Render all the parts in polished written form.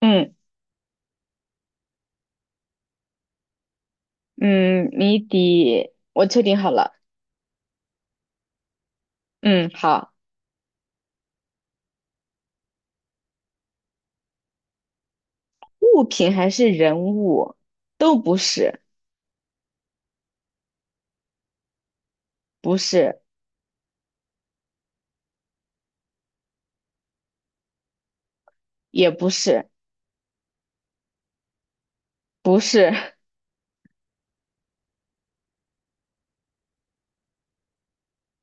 嗯嗯，谜底我确定好了。嗯，好，物品还是人物，都不是。不是。也不是。不是。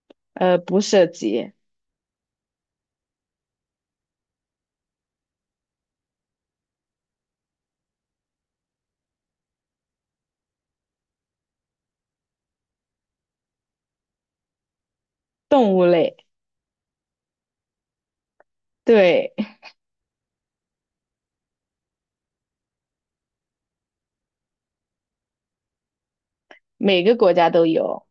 不涉及。动物类。对，每个国家都有。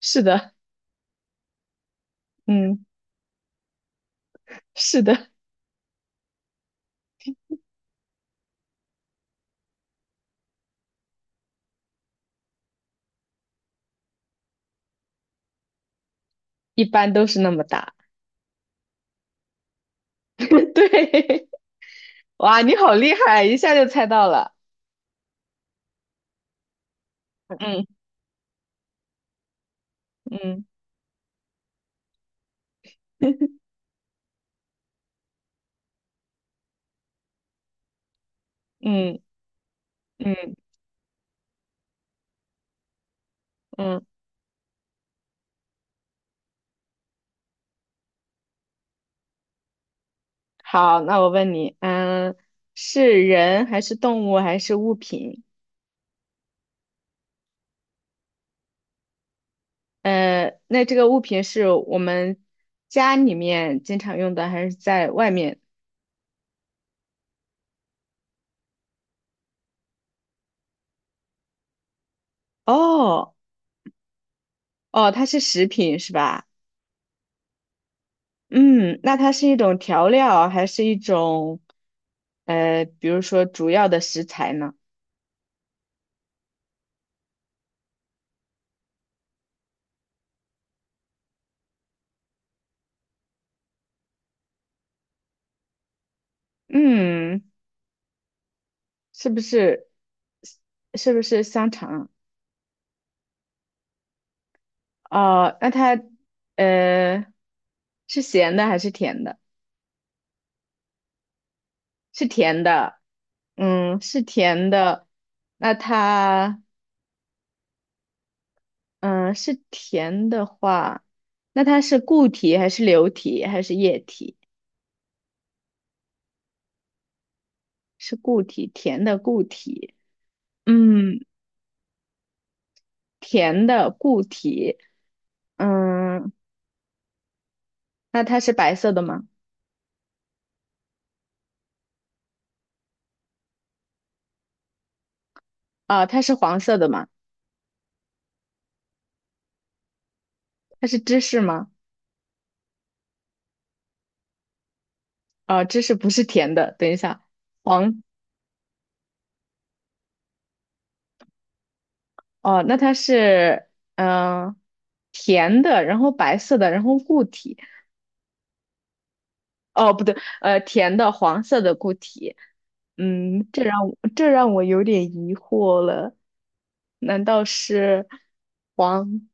是的。嗯，是的。一般都是那么大。对，哇，你好厉害，一下就猜到了。嗯嗯嗯嗯嗯，好，那我问你，是人还是动物还是物品？那这个物品是我们家里面经常用的，还是在外面？哦哦，它是食品是吧？嗯，那它是一种调料，还是一种比如说主要的食材呢？嗯，是不是是不是香肠？啊哦，那它呃是咸的还是甜的？是甜的。嗯，是甜的。那它。嗯、呃是甜的话，那它是固体还是流体还是液体？是固体。甜的固体。嗯，甜的固体。嗯，那它是白色的吗？啊、它是黄色的吗？它是芝士吗？啊、芝士不是甜的。等一下，黄哦，那它是嗯、呃甜的，然后白色的，然后固体。哦，不对，甜的黄色的固体，嗯，这让我有点疑惑了。难道是黄？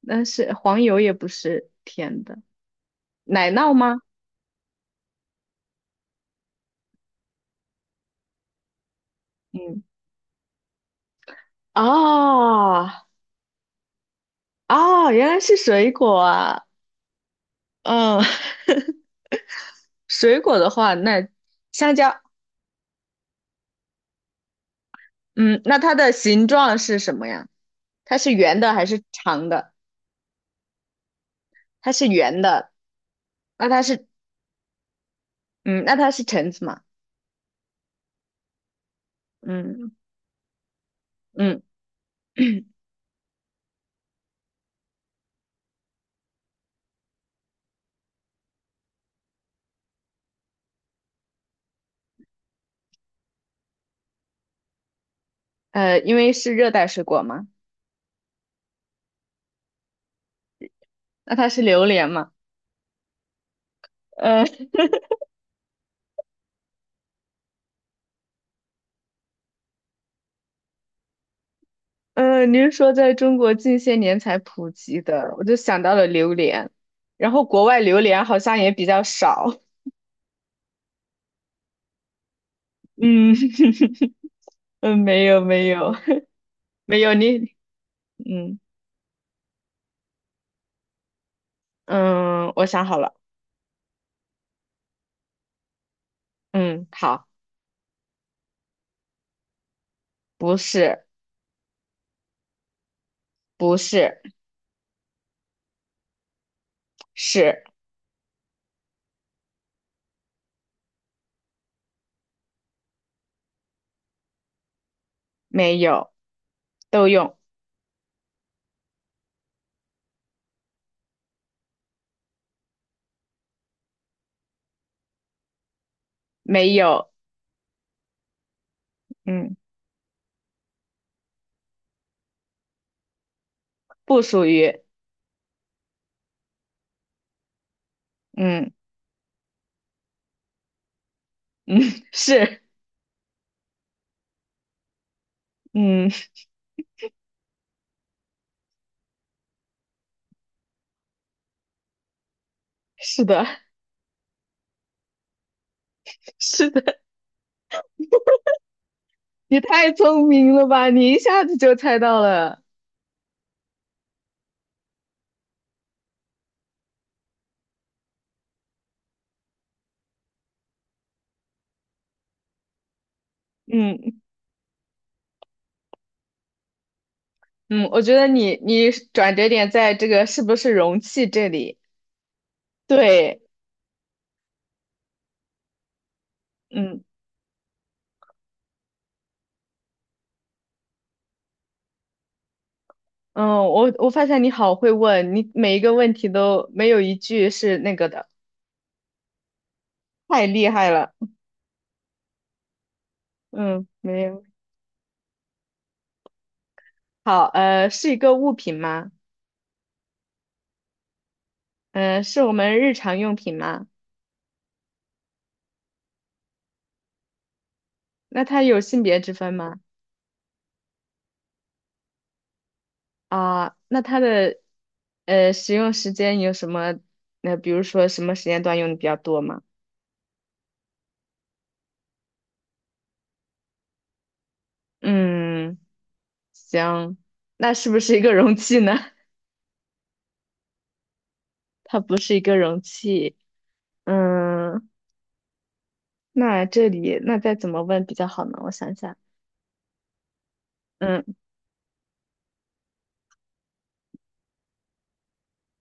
那是黄油也不是甜的，奶酪吗？嗯，哦哦，原来是水果啊。嗯，水果的话，那香蕉？嗯，那它的形状是什么呀？它是圆的还是长的？它是圆的。那它是，嗯，那它是橙子吗？嗯嗯，因为是热带水果嘛。那它是榴莲嘛？呃您说在中国近些年才普及的，我就想到了榴莲，然后国外榴莲好像也比较少。嗯 嗯，没有没有。 没有你。嗯嗯，我想好了。嗯，好。不是。不是。是。没有，都用。没有。嗯，不属于。嗯嗯， 是。嗯，是的。是的，你太聪明了吧！你一下子就猜到了。嗯嗯，我觉得你转折点在这个是不是容器这里？对。嗯嗯，我发现你好会问，你每一个问题都没有一句是那个的。太厉害了。嗯，没有。好，是一个物品吗？是我们日常用品吗？那它有性别之分吗？啊，那它的使用时间有什么？那比如说什么时间段用的比较多吗？嗯，行，那是不是一个容器呢？它不是一个容器。嗯，那这里那再怎么问比较好呢？我想想。嗯，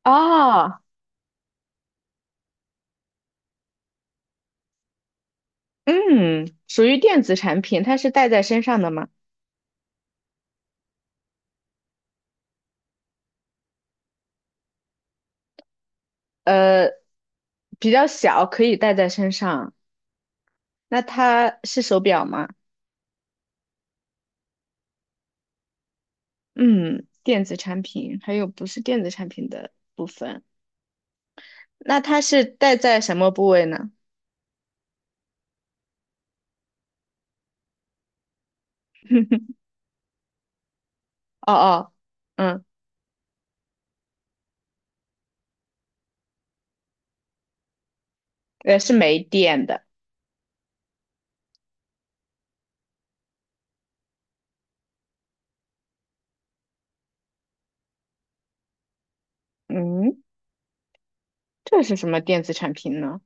哦，嗯，属于电子产品，它是带在身上的吗？呃，比较小，可以带在身上。那它是手表吗？嗯，电子产品还有不是电子产品的部分，那它是戴在什么部位呢？哦哦。嗯，是没电的。嗯，这是什么电子产品呢？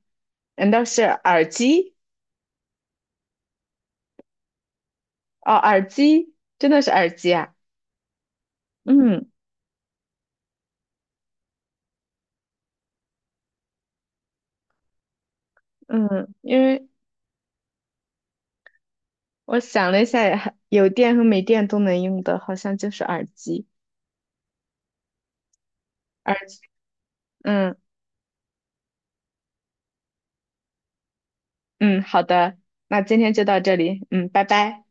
难道是耳机？哦，耳机，真的是耳机啊。嗯嗯，因为我想了一下，有电和没电都能用的，好像就是耳机。耳机。嗯嗯，好的。那今天就到这里，嗯，拜拜。